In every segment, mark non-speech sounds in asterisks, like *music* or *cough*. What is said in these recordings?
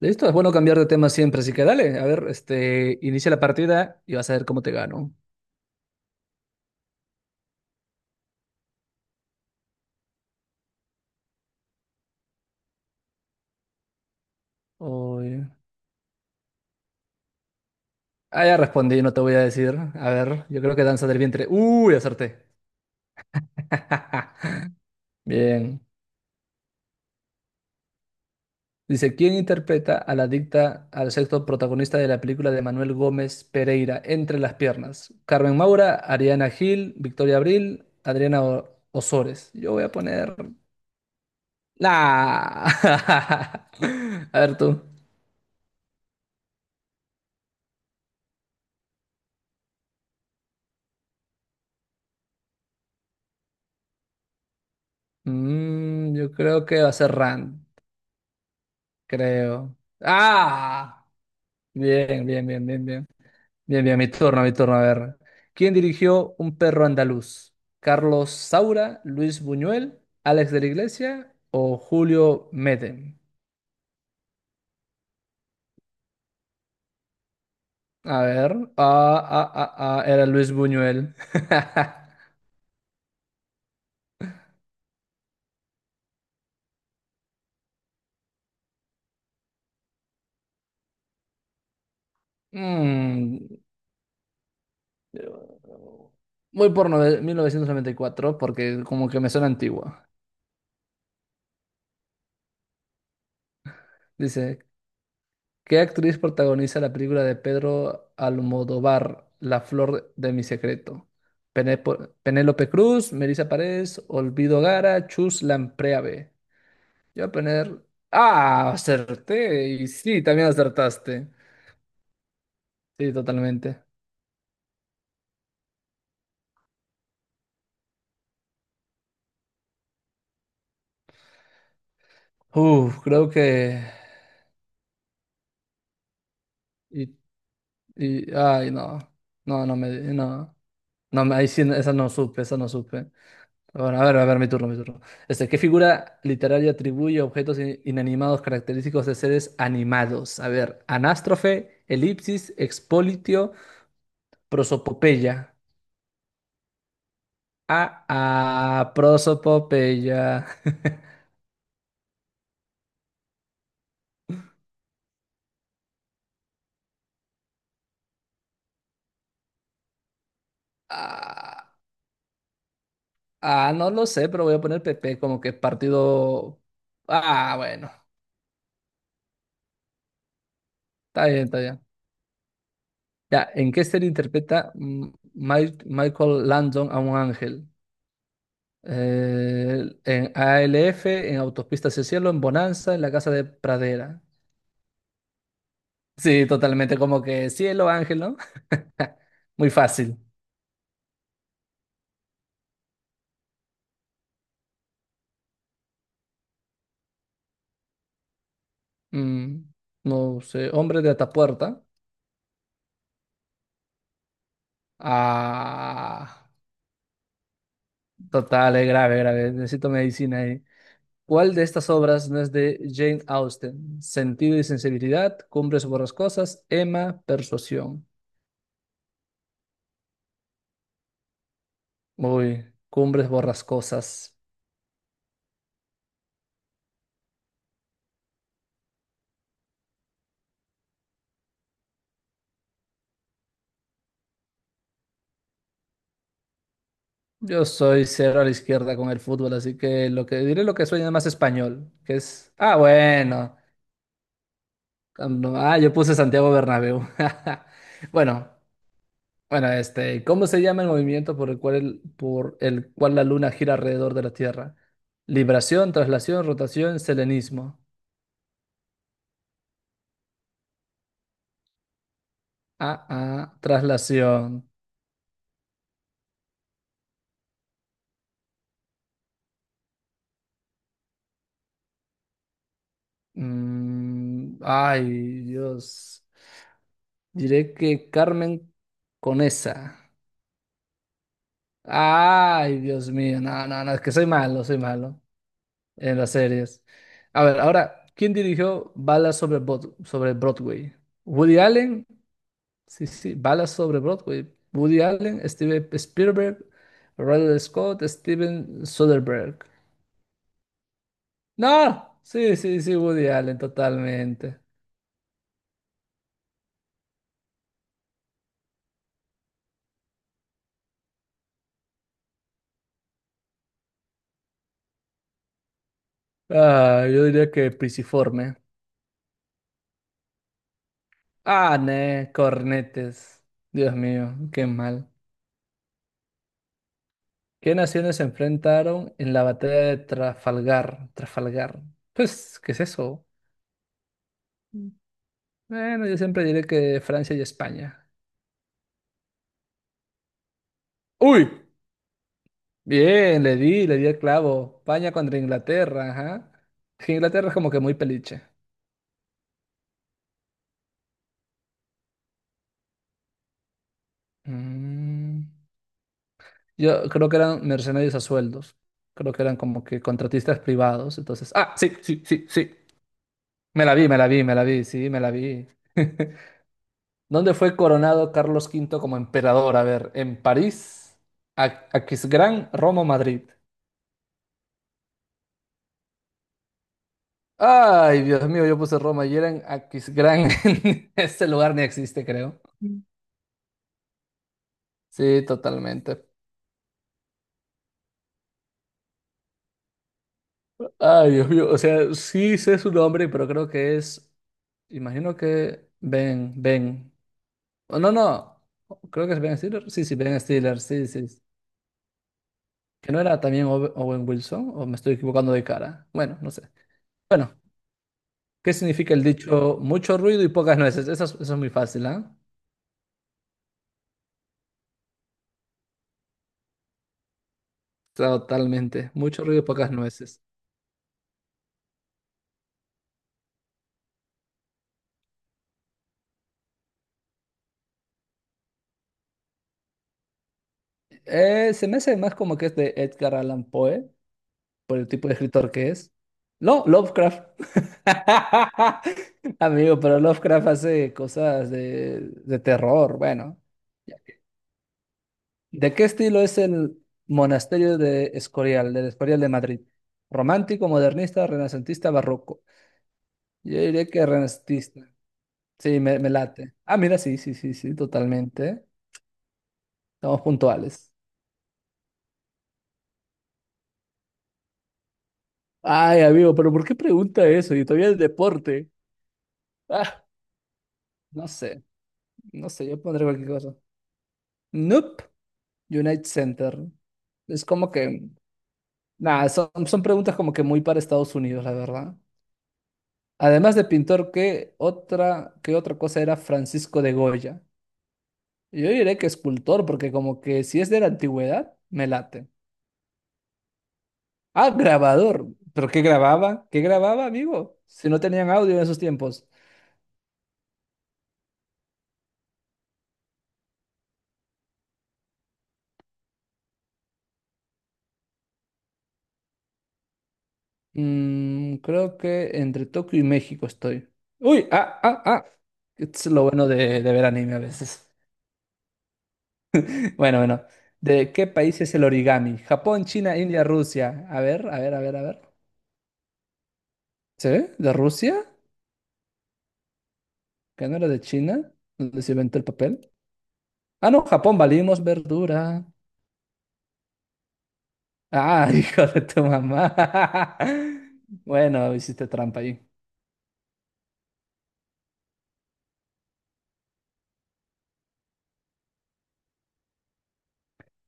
Listo, es bueno cambiar de tema siempre, así que dale, a ver, inicia la partida y vas a ver cómo te gano. Uy. Ah, ya respondí, no te voy a decir. A ver, yo creo que danza del vientre. Uy, acerté. *laughs* Bien. Dice, ¿quién interpreta a la adicta al sexto protagonista de la película de Manuel Gómez Pereira, Entre las piernas? Carmen Maura, Ariana Gil, Victoria Abril, Adriana Osores. Yo voy a poner. La. *laughs* A ver tú. Yo creo que va a ser Rand. Creo. ¡Ah! Bien, bien, bien, bien, bien. Bien, bien, mi turno, mi turno. A ver. ¿Quién dirigió Un perro andaluz? ¿Carlos Saura, Luis Buñuel, Alex de la Iglesia o Julio Medem? A ver. Ah, ah, ah, ah, era Luis Buñuel. *laughs* Mm, Voy por 1994 porque como que me suena antigua. Dice, ¿Qué actriz protagoniza la película de Pedro Almodóvar, La flor de mi secreto? Penélope Cruz, Melissa Pérez, Olvido Gara, Chus Lampreave. Yo voy a poner. Ah, acerté. Y sí, también acertaste. Sí, totalmente. Uf, creo que. Y, Ay, no. No, No. No, ahí sí, esa no supe, esa no supe. Bueno, a ver, mi turno, mi turno. ¿Qué figura literaria atribuye objetos inanimados característicos de seres animados? A ver, anástrofe, elipsis, expolitio, prosopopeya. Ah, ah, prosopopeya. *laughs* Ah, ah, no lo sé, pero voy a poner PP como que partido. Ah, bueno, está bien, está bien. Ya, ¿en qué serie interpreta Michael Landon a un ángel? En ALF, en Autopista hacia el Cielo, en Bonanza, en la Casa de Pradera. Sí, totalmente como que cielo, ángel, ¿no? *laughs* Muy fácil. Mm, no sé, hombre de Atapuerta. Ah, total, es grave, grave. Necesito medicina ahí. ¿Cuál de estas obras no es de Jane Austen? Sentido y sensibilidad, Cumbres borrascosas, Emma, Persuasión. Uy, Cumbres borrascosas. Yo soy cero a la izquierda con el fútbol, así que lo que diré lo que suena más español, que es, ah, bueno, yo puse Santiago Bernabéu. *laughs* Bueno, bueno, ¿Cómo se llama el movimiento por el cual por el cual la luna gira alrededor de la Tierra? Libración, traslación, rotación, selenismo. Ah, ah, traslación. Ay, Dios. Diré que Carmen Conesa. Ay, Dios mío, no, no, no, es que soy malo en las series. A ver, ahora, ¿quién dirigió Balas sobre Broadway? ¿Woody Allen? Sí, sí, Balas sobre Broadway. Woody Allen, Steven Spielberg, Ridley Scott, Steven Soderbergh. No, sí, sí, sí, Woody Allen, totalmente. Ah, yo diría que Pisiforme. Ah, ne, cornetes. Dios mío, qué mal. ¿Qué naciones se enfrentaron en la batalla de Trafalgar? Trafalgar. Pues, ¿qué es eso? Mm. Bueno, yo siempre diré que Francia y España. ¡Uy! Bien, le di el clavo. España contra Inglaterra, ajá. Es que Inglaterra es como que muy peliche. Mm, Yo creo que eran mercenarios a sueldos. Creo que eran como que contratistas privados. Entonces, ah, sí, sí, sí, sí. Me la vi, me la vi, me la vi, sí, me la vi. *laughs* ¿Dónde fue coronado Carlos Quinto como emperador? A ver, en París, Aquisgrán, Roma, o Madrid. Ay, Dios mío, yo puse Roma y era en Aquisgrán. *laughs* Ese lugar ni existe, creo. Mm. Sí, totalmente. Ay, Dios mío, o sea, sí sé su nombre, pero creo que es, imagino que Ben, Ben. Oh, no, no, creo que es Ben Stiller. Sí, sí, Ben Stiller, sí, sí. ¿Que no era también Owen Wilson? ¿O me estoy equivocando de cara? Bueno, no sé. Bueno. ¿Qué significa el dicho mucho ruido y pocas nueces? Eso es muy fácil, ¿ah? Totalmente. Mucho ruido y pocas nueces. Se me hace más como que es de Edgar Allan Poe, por el tipo de escritor que es. No, Lovecraft. *laughs* Amigo, pero Lovecraft hace cosas de terror. Bueno, ¿de qué estilo es el monasterio de Escorial, del Escorial de Madrid? ¿Romántico, modernista, renacentista, barroco? Yo diría que renacentista. Sí, me late. Ah, mira, sí, sí, sí, sí, totalmente. Estamos puntuales. Ay, amigo, pero ¿por qué pregunta eso? Y todavía el deporte. Ah, no sé, no sé, yo pondré cualquier cosa. Nope, United Center. Es como que, nada, son preguntas como que muy para Estados Unidos, la verdad. Además de pintor, ¿qué otra cosa era Francisco de Goya? Yo diré que escultor, porque como que si es de la antigüedad, me late. Ah, grabador. ¿Pero qué grababa? ¿Qué grababa, amigo? Si no tenían audio en esos tiempos. Creo que entre Tokio y México estoy. Uy, ah, ah, ah. Es lo bueno de ver anime a veces. *laughs* Bueno, bueno. ¿De qué país es el origami? Japón, China, India, Rusia. A ver, a ver, a ver, a ver. ¿Se ve? ¿De Rusia? ¿Que no era de China? ¿Dónde se inventó el papel? Ah, no, Japón, valimos verdura. Ah, *laughs* hijo de tu mamá. *laughs* Bueno, hiciste trampa ahí.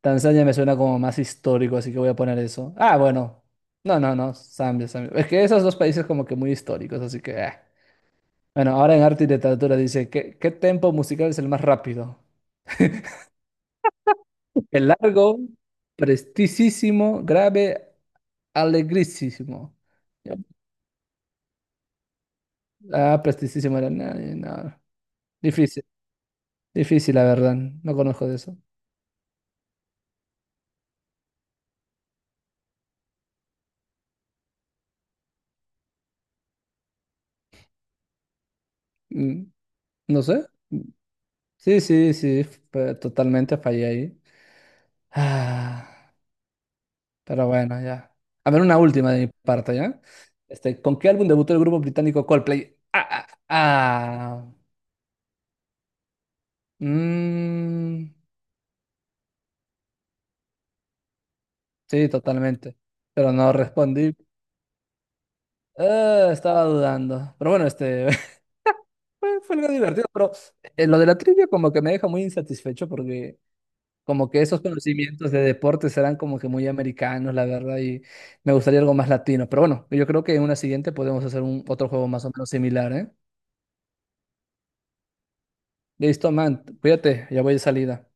Tanzania me suena como más histórico, así que voy a poner eso. Ah, bueno. No, no, no. Zambia, Zambia. Es que esos dos países como que muy históricos, así que ah. Bueno, ahora en arte y literatura dice, ¿qué tempo musical es el más rápido? *laughs* El largo, prestisísimo, grave, alegrísimo. Yo- Ah, prestisísimo era. No, no. Difícil, difícil, la verdad. No conozco de eso. Mm, No sé. Sí, sí, sí. Totalmente fallé ahí. Ah. Pero bueno, ya. A ver, una última de mi parte, ¿ya? ¿Con qué álbum debutó el grupo británico Coldplay? Ah, ah, ah. Mm, sí, totalmente. Pero no respondí. Estaba dudando. Pero bueno, *laughs* fue algo divertido. Pero lo de la trivia como que me deja muy insatisfecho porque como que esos conocimientos de deportes serán como que muy americanos, la verdad, y me gustaría algo más latino. Pero bueno, yo creo que en una siguiente podemos hacer un otro juego más o menos similar, ¿eh? Listo, man, cuídate, ya voy de salida.